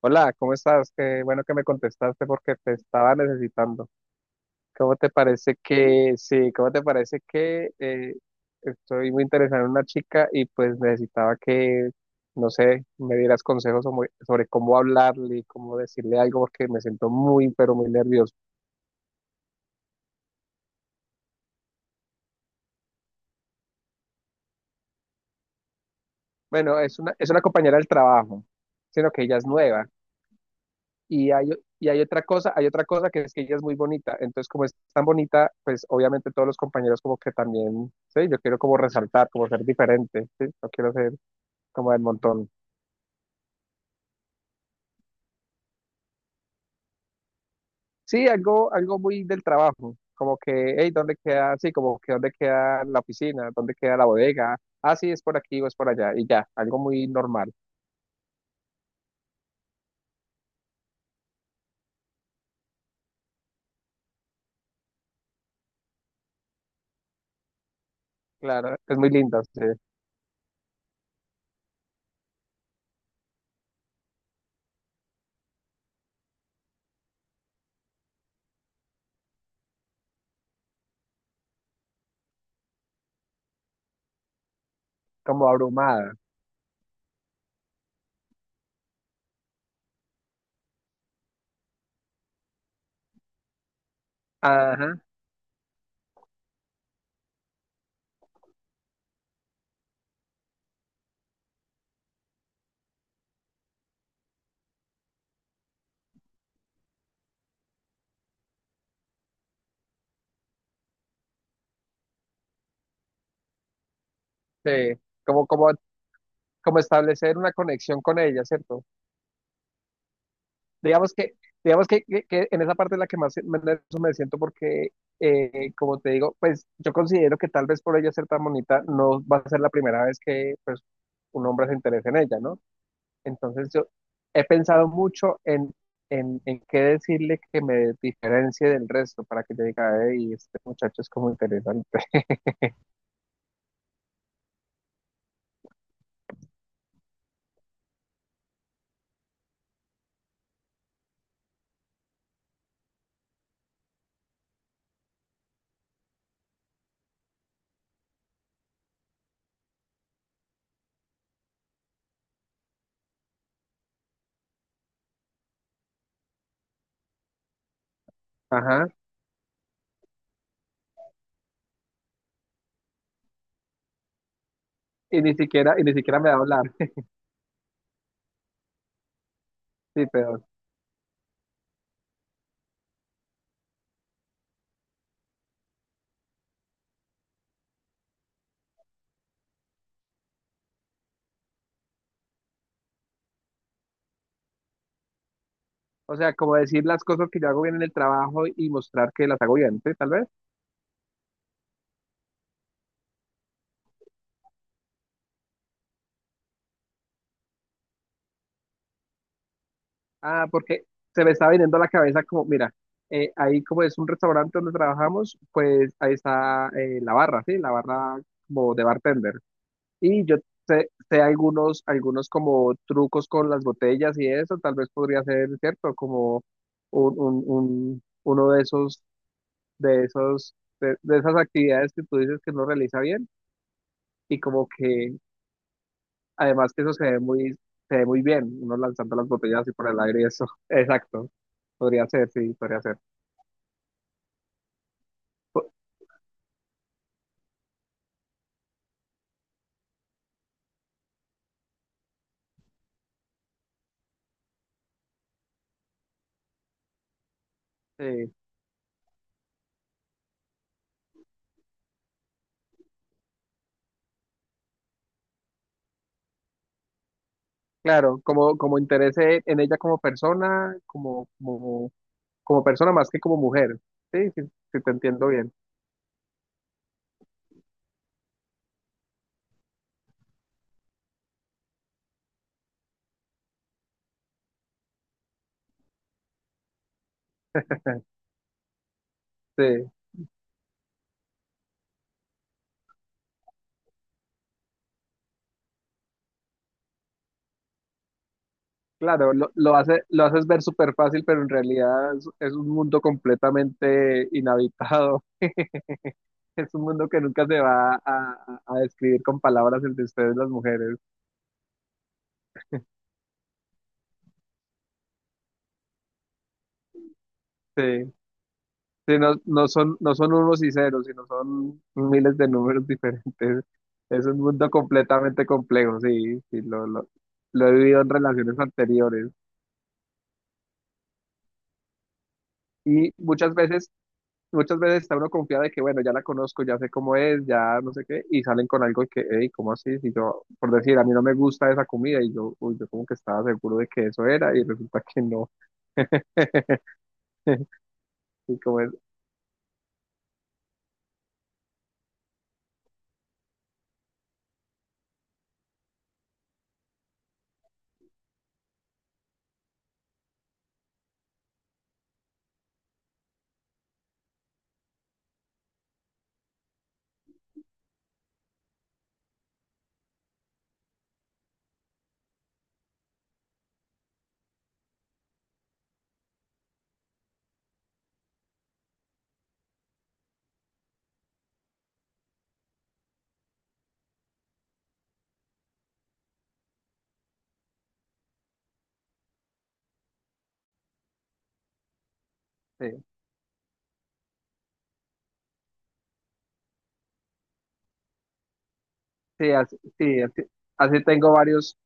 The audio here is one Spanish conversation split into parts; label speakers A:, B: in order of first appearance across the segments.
A: Hola, ¿cómo estás? Qué bueno que me contestaste porque te estaba necesitando. ¿Cómo te parece que, sí, cómo te parece que estoy muy interesado en una chica y pues necesitaba que, no sé, me dieras consejos sobre cómo hablarle y cómo decirle algo porque me siento muy, pero muy nervioso. Bueno, es una compañera del trabajo, sino que ella es nueva. Y hay, y hay otra cosa que es que ella es muy bonita. Entonces, como es tan bonita, pues obviamente todos los compañeros como que también, sí, yo quiero como resaltar, como ser diferente, sí, no quiero ser como del montón. Sí, algo muy del trabajo, como que, hey, ¿dónde queda? Sí, como que ¿dónde queda la oficina? ¿Dónde queda la bodega? Ah, sí, es por aquí o es por allá, y ya, algo muy normal. Claro, es muy linda, sí, como abrumada. Ajá, sí, como, como, como establecer una conexión con ella, ¿cierto? Digamos que, digamos que, que en esa parte es la que más nervioso me siento porque, como te digo, pues yo considero que tal vez por ella ser tan bonita no va a ser la primera vez que pues, un hombre se interese en ella, ¿no? Entonces yo he pensado mucho en qué decirle que me diferencie del resto para que ella diga, y este muchacho es como interesante. Ajá. Y ni siquiera me va a hablar. Sí, peor. O sea, como decir las cosas que yo hago bien en el trabajo y mostrar que las hago bien, ¿sí? Tal vez. Ah, porque se me estaba viniendo a la cabeza como, mira, ahí como es un restaurante donde trabajamos, pues ahí está la barra, ¿sí? La barra como de bartender. Y yo sé algunos, algunos como trucos con las botellas y eso, tal vez podría ser, ¿cierto? Como uno de esos, de esos, de esas actividades que tú dices que no realiza bien y como que además que eso se ve muy bien, uno lanzando las botellas así por el aire y eso. Exacto. Podría ser, sí, podría ser. Po- sí, claro, como interés en ella como persona, como persona más que como mujer. Sí, sí, sí, te entiendo bien. Sí, claro, lo hace, lo haces ver súper fácil, pero en realidad es un mundo completamente inhabitado. Es un mundo que nunca se va a describir con palabras el de ustedes las mujeres. Sí. Sí, no, no son unos y ceros, sino son miles de números diferentes. Es un mundo completamente complejo, sí, sí, lo he vivido en relaciones anteriores. Y muchas veces, muchas veces está uno confiado de que, bueno, ya la conozco, ya sé cómo es, ya no sé qué, y salen con algo que, hey, ¿cómo así? Si yo, por decir, a mí no me gusta esa comida, y yo, uy, yo como que estaba seguro de que eso era, y resulta que no. Y como es, sí, sí, así, así tengo varios.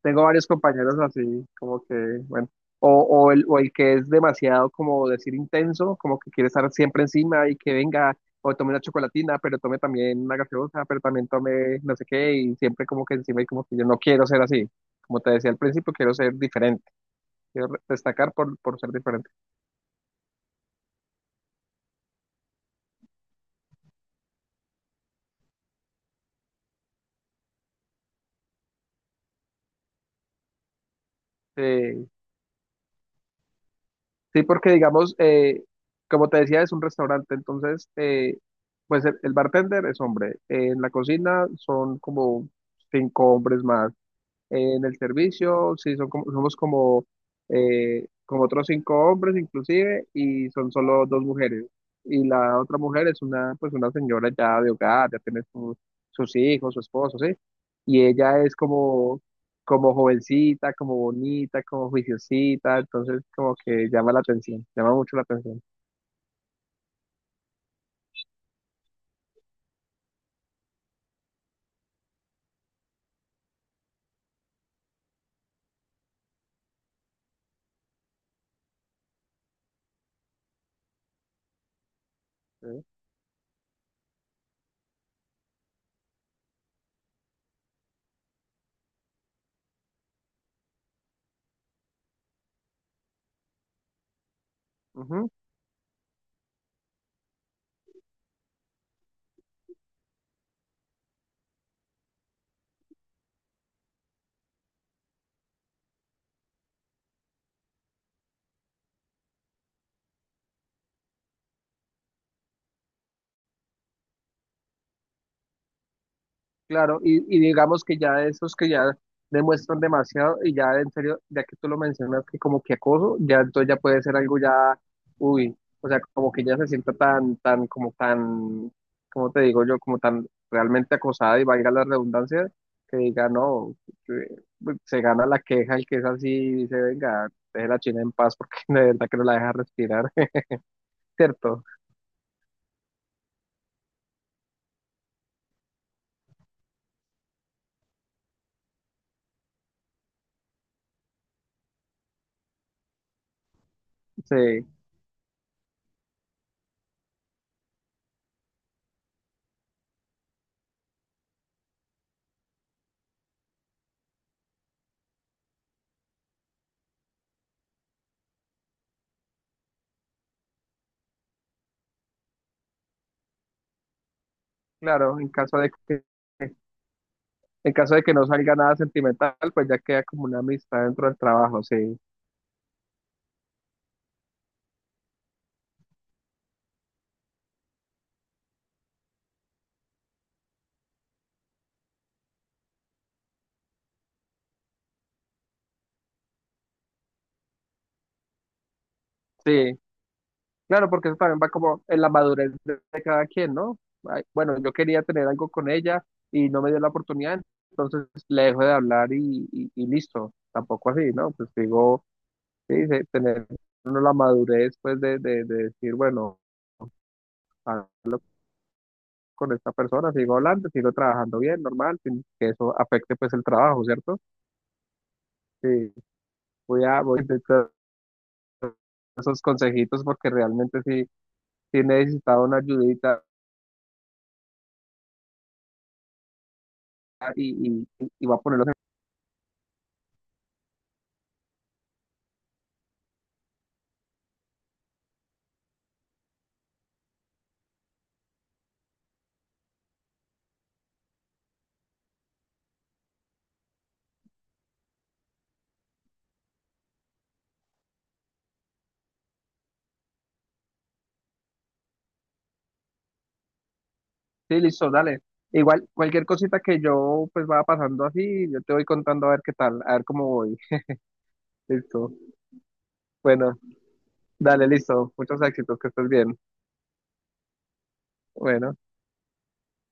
A: Tengo varios compañeros así, como que, bueno, o el que es demasiado, como decir, intenso, como que quiere estar siempre encima y que venga, o tome una chocolatina, pero tome también una gaseosa, pero también tome no sé qué, y siempre como que encima y como que yo no quiero ser así. Como te decía al principio, quiero ser diferente, quiero destacar por ser diferente. Eh, sí, porque digamos, como te decía, es un restaurante, entonces, pues el bartender es hombre, en la cocina son como cinco hombres más en el servicio, sí, son como, somos como, como otros cinco hombres inclusive y son solo dos mujeres. Y la otra mujer es una, pues una señora ya de hogar, ya tiene sus hijos, su esposo, ¿sí? Y ella es como, como jovencita, como bonita, como juiciosita, entonces como que llama la atención, llama mucho la atención. ¿Sí? Ujú. Claro, y digamos que ya esos que ya demuestran demasiado y ya en serio, ya que tú lo mencionas que como que acoso, ya entonces ya puede ser algo ya, uy, o sea, como que ya se sienta tan, tan, como te digo yo, como tan realmente acosada y valga la redundancia, que diga, no, eh, se gana la queja el que es así y dice, venga, deje la China en paz porque de verdad que no la deja respirar, ¿cierto? Sí, claro, En caso de que no salga nada sentimental, pues ya queda como una amistad dentro del trabajo, sí. Sí, claro, porque eso también va como en la madurez de cada quien, ¿no? Ay, bueno, yo quería tener algo con ella y no me dio la oportunidad, entonces le dejo de hablar y listo. Tampoco así, ¿no? Pues digo, sí, de tener uno la madurez, pues de decir, bueno, hablo con esta persona, sigo hablando, sigo trabajando bien, normal, sin que eso afecte pues el trabajo, ¿cierto? Sí, voy a intentar esos consejitos porque realmente sí, sí necesitaba una ayudita y, y, y voy a ponerlos en... Sí, listo, dale. Igual, cualquier cosita que yo pues vaya pasando así, yo te voy contando a ver qué tal, a ver cómo voy. Listo. Bueno, dale, listo. Muchos éxitos, que estés bien. Bueno.